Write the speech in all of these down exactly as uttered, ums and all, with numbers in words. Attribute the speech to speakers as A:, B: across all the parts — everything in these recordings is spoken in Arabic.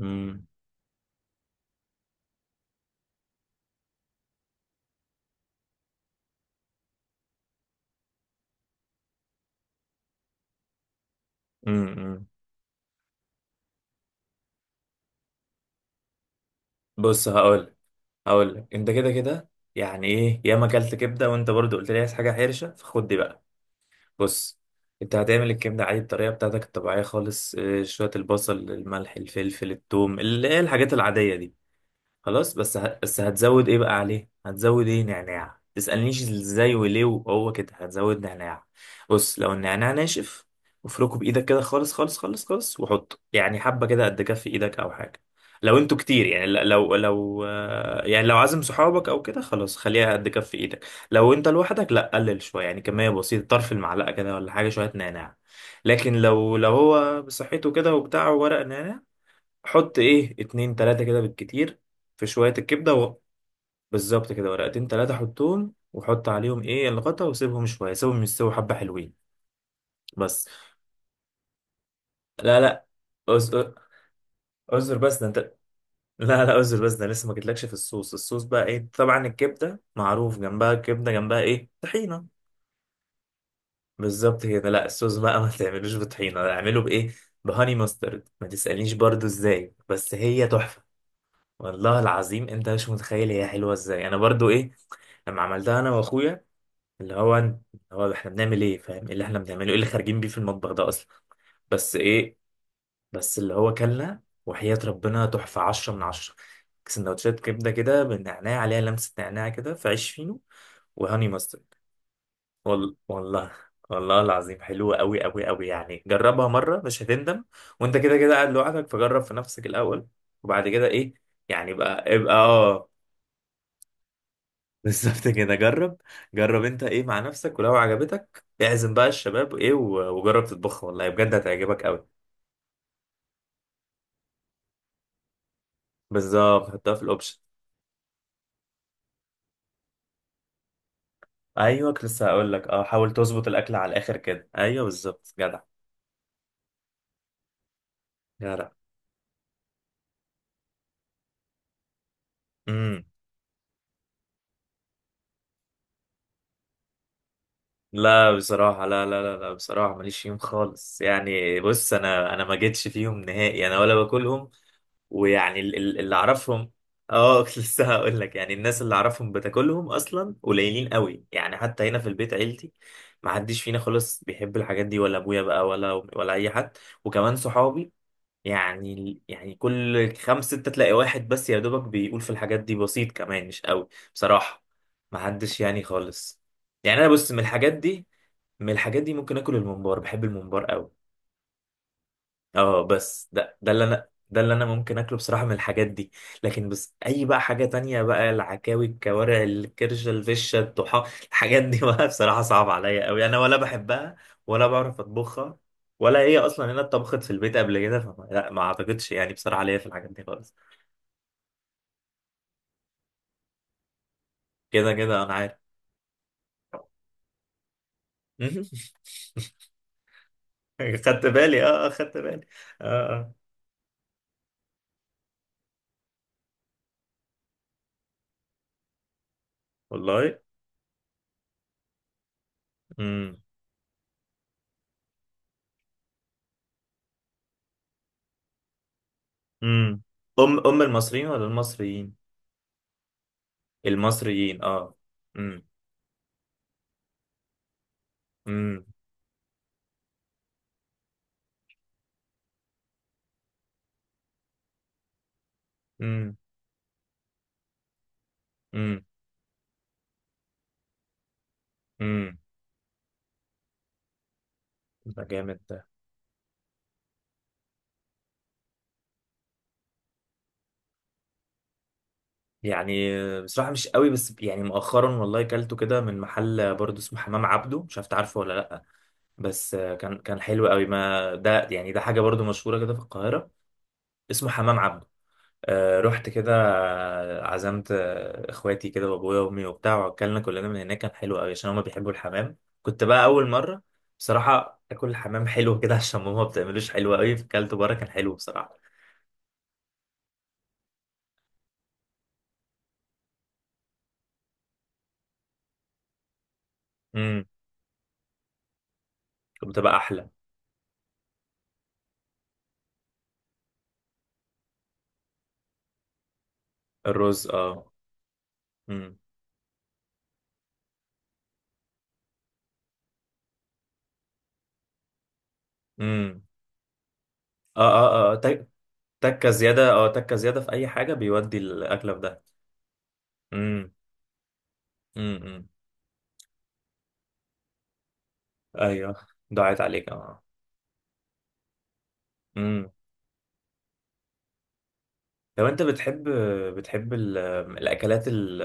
A: امم امم امم. بص، هقول هقول لك انت كده كده. يعني ايه ياما اكلت كبده وانت برضو قلت لي عايز حاجه حرشه، فخد دي بقى. بص، انت هتعمل الكبده عادي، الطريقه بتاعتك الطبيعيه خالص، اه، شويه البصل، الملح، الفلفل، الثوم، اللي هي الحاجات العاديه دي. خلاص، بس ه... بس هتزود ايه بقى عليه؟ هتزود ايه؟ نعناع. تسألنيش ازاي وليه، وهو كده هتزود نعناع. بص، لو النعناع ناشف افركه بايدك كده خالص خالص خالص خالص، وحطه يعني حبة كده قد كف ايدك او حاجة. لو انتوا كتير يعني ل- لو لو آه، يعني لو عازم صحابك او كده، خلاص خليها قد كف ايدك. لو انت لوحدك، لا قلل شوية، يعني كمية بسيطة، طرف المعلقة كده ولا حاجة، شوية نعناع. لكن لو لو هو بصحته كده وبتاع ورق نعناع، حط ايه، اتنين تلاتة كده بالكتير في شوية الكبدة و... بالظبط كده، ورقتين تلاتة، حطهم وحط عليهم ايه الغطا، وسيبهم شوية، سيبهم يستووا حبة حلوين. بس. لا لا. أز- اعذر بس ده انت لا لا، اعذر بس ده أنا لسه ما جيتلكش في الصوص. الصوص بقى ايه؟ طبعا الكبدة معروف جنبها، الكبدة جنبها ايه؟ طحينة. بالظبط كده. لا، الصوص بقى ما تعملوش بطحينة، اعمله بايه؟ بهاني ماسترد. ما تسألنيش برضو ازاي، بس هي تحفة. والله العظيم انت مش متخيل هي حلوه ازاي. انا برضو ايه، لما عملتها انا واخويا، اللي هو اللي هو، احنا بنعمل ايه، فاهم ايه اللي احنا بنعمله، ايه اللي خارجين بيه في المطبخ ده اصلا؟ بس ايه، بس اللي هو، كلنا وحياة ربنا تحفة، عشرة من عشرة. سندوتشات كبدة كده بالنعناع، عليها لمسة نعناع كده، في عيش فينو، وهاني ماسترد. وال... والله، والله العظيم حلوة أوي أوي أوي، يعني جربها مرة مش هتندم. وأنت كده كده قاعد لوحدك، فجرب في نفسك الأول، وبعد كده إيه، يعني بقى ابقى اه بالظبط كده، جرب. جرب انت ايه مع نفسك، ولو عجبتك اعزم بقى الشباب ايه و- وجرب تطبخها، والله بجد هتعجبك قوي. بالظبط، حطها في الاوبشن. ايوه، كنت لسه هقول لك اه، حاول تظبط الاكل على الاخر كده. ايوه بالظبط، جدع جدع. امم. لا بصراحه، لا لا لا لا، بصراحه ماليش فيهم خالص، يعني بص، انا انا ما جيتش فيهم نهائي، انا ولا باكلهم، ويعني ال- ال- اللي اعرفهم، اه كنت لسه هقول لك، يعني الناس اللي اعرفهم بتاكلهم اصلا قليلين قوي، يعني حتى هنا في البيت عيلتي ما حدش فينا خالص بيحب الحاجات دي، ولا ابويا بقى ولا ولا اي حد، وكمان صحابي، يعني يعني كل خمسة ستة تلاقي واحد بس يا دوبك بيقول في الحاجات دي، بسيط كمان مش قوي بصراحة، ما حدش يعني خالص. يعني انا بص، من الحاجات دي، من الحاجات دي ممكن اكل الممبار، بحب الممبار قوي. اه، بس ده ده اللي انا ده اللي انا ممكن اكله بصراحه من الحاجات دي. لكن بس اي بقى حاجه تانية بقى، العكاوي، الكوارع، الكرشه، الفشه، الطحا، الحاجات دي بقى بصراحه صعب عليا قوي، انا ولا بحبها، ولا بعرف اطبخها، ولا هي اصلا هنا اتطبخت في البيت قبل كده، فما لا، ما اعتقدش يعني بصراحه ليا في الحاجات دي خالص. كده كده انا عارف. خدت بالي، اه اه خدت بالي. اه اه. والله. امم. امم ام ام المصريين ولا المصريين؟ المصريين اه. امم. امم. امم. امم. ده جامد ده. يعني بصراحة مش قوي، بس يعني مؤخرا والله كلته كده من محل برضه اسمه حمام عبده، مش عارف تعرفه ولا لأ، بس كان كان حلو قوي. ما ده يعني ده حاجة برضه مشهورة كده في القاهرة، اسمه حمام عبده. آه رحت كده، آه، عزمت آه، اخواتي كده وابويا وامي وبتاع، واكلنا كلنا من هناك، كان حلو قوي عشان هما بيحبوا الحمام، كنت بقى اول مرة. بصراحة اكل الحمام حلو كده عشان ماما ما بتعملوش حلو قوي، فكلته بره كان حلو بصراحة. امم. كنت بقى احلى. الرز اه. امم. امم. اه اه اه آه. تك- تكه زياده، اه تكه زياده في اي حاجه بيودي الاكله في ده. امم. امم. ايوه. دعيت عليك اه. امم. لو انت بتحب بتحب ال- الاكلات ال-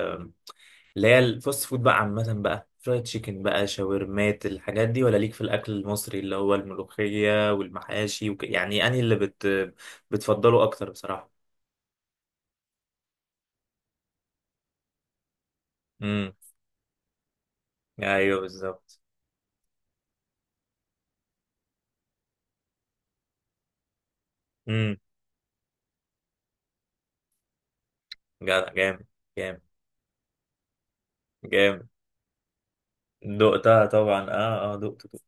A: اللي هي الفاست فود بقى، عامه بقى فرايد تشيكن بقى شاورمات الحاجات دي، ولا ليك في الاكل المصري اللي هو الملوخيه والمحاشي وك... يعني انهي اللي بت... بتفضله اكتر بصراحه؟ امم. ايوه بالظبط. امم. جدع جامد. جامد. جامد. دقتها طبعا، اه اه دقت دقت.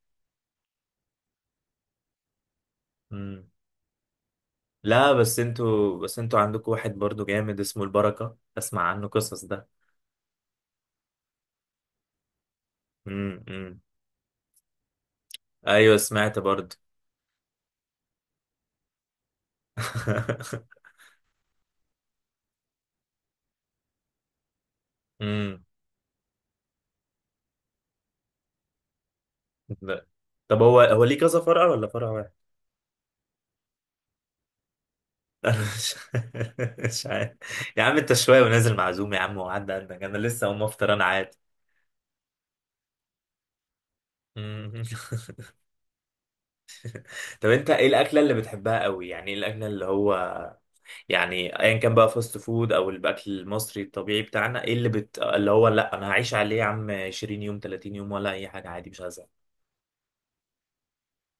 A: مم. لا، بس انتوا بس انتوا عندكم واحد برضو جامد اسمه البركة، اسمع عنه قصص ده. مم. مم. ايوه سمعت برضو. مم. لا. طب هو هو ليه كذا فرع ولا فرع واحد؟ انا مش مش عارف. يا عم انت شوية ونازل معزوم يا عم، وعدى عندك، انا لسه اقوم افطر انا عادي. مم. طب انت ايه الاكلة اللي بتحبها قوي؟ يعني ايه الاكلة اللي هو، يعني ايا كان بقى فاست فود او الاكل المصري الطبيعي بتاعنا، ايه اللي بت... اللي هو لا انا هعيش عليه يا عم، 20 يوم 30 يوم، ولا اي حاجه عادي مش هزهق؟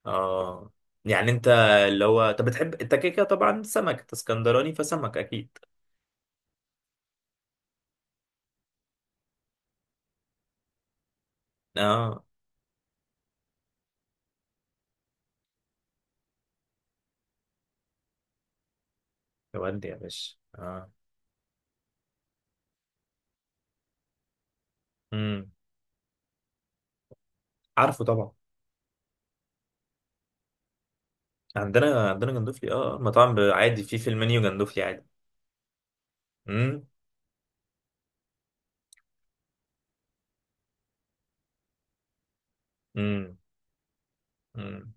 A: اه، يعني انت اللي هو، انت بتحب انت كده كده طبعا سمك، انت اسكندراني فسمك اكيد. اه، ودي يا باشا اه. امم. عارفه طبعا. عندنا عندنا جندوفلي، اه المطاعم ب- عادي، في في المنيو جندوفلي عادي. امم. امم. امم.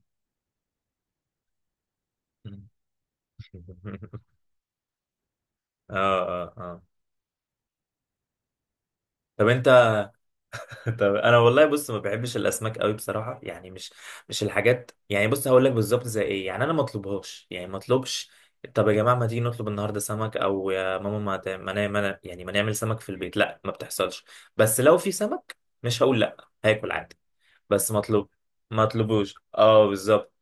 A: اه اه اه. طب انت طب انا والله، بص ما بحبش الاسماك قوي بصراحه، يعني مش مش الحاجات، يعني بص هقول لك بالظبط زي ايه، يعني انا ما اطلبهاش، يعني ما اطلبش، طب يا جماعه ما تيجي نطلب النهارده سمك، او يا ماما ما ت- ما نا- ما نا- يعني ما نعمل سمك في البيت، لا ما بتحصلش. بس لو في سمك مش هقول لا، هاكل عادي، بس ما اطلب، ما اطلبوش، اه بالظبط.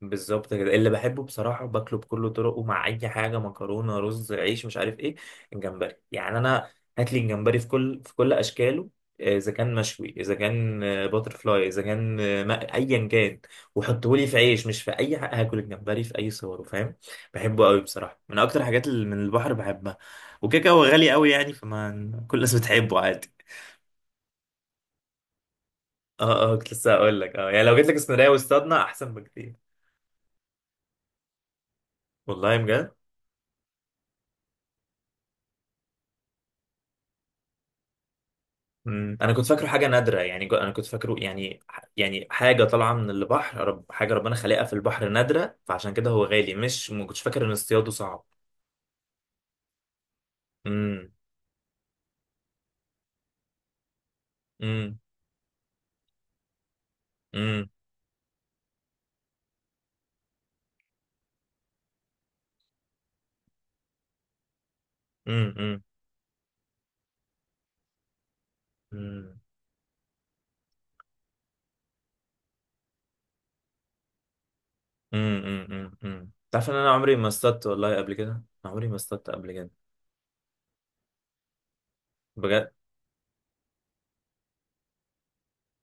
A: بالظبط كده، اللي بحبه بصراحة باكله بكل طرقه، مع أي حاجة، مكرونة، رز، عيش، مش عارف إيه، الجمبري يعني. أنا هات لي الجمبري في كل في كل أشكاله، آه، إذا كان مشوي، إذا كان باتر فلاي، إذا كان آه، ما- أيا كان، وحطه لي في عيش، مش في أي حاجة هاكل الجمبري في أي صوره، فاهم. بحبه قوي بصراحة، من أكتر حاجات اللي من البحر بحبها، وكده هو غالي قوي يعني، فما كل الناس بتحبه عادي. اه اه كنت لسه هقول لك اه، يعني لو جيت لك اسكندرية واستضنا أحسن بكتير. والله بجد. مم. انا كنت فاكره حاجه نادره، يعني جو- انا كنت فاكره يعني، يعني حاجه طالعه من البحر، رب حاجه ربنا خلقها في البحر نادره، فعشان كده هو غالي، مش ما كنتش فاكر ان اصطياده صعب. امم. امم. امم. امم. امم. امم. امم. تعرف ان انا عمري ما اصطدت والله قبل كده، أنا عمري ما اصطدت قبل كده. بجد.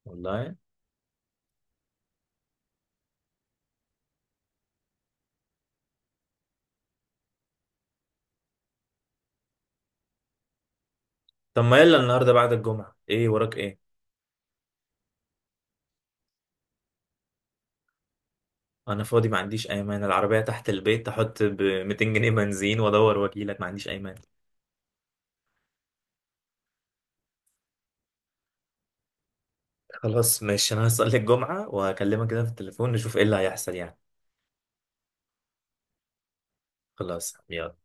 A: والله. طب ما يلا النهارده بعد الجمعه، ايه وراك ايه؟ انا فاضي ما عنديش اي مانع، العربيه تحت البيت، احط ب ميتين جنيه بنزين وادور وكيلك، ما عنديش اي مانع. خلاص ماشي، انا هصلي الجمعة واكلمك كده في التليفون، نشوف ايه اللي هيحصل يعني. خلاص يلا.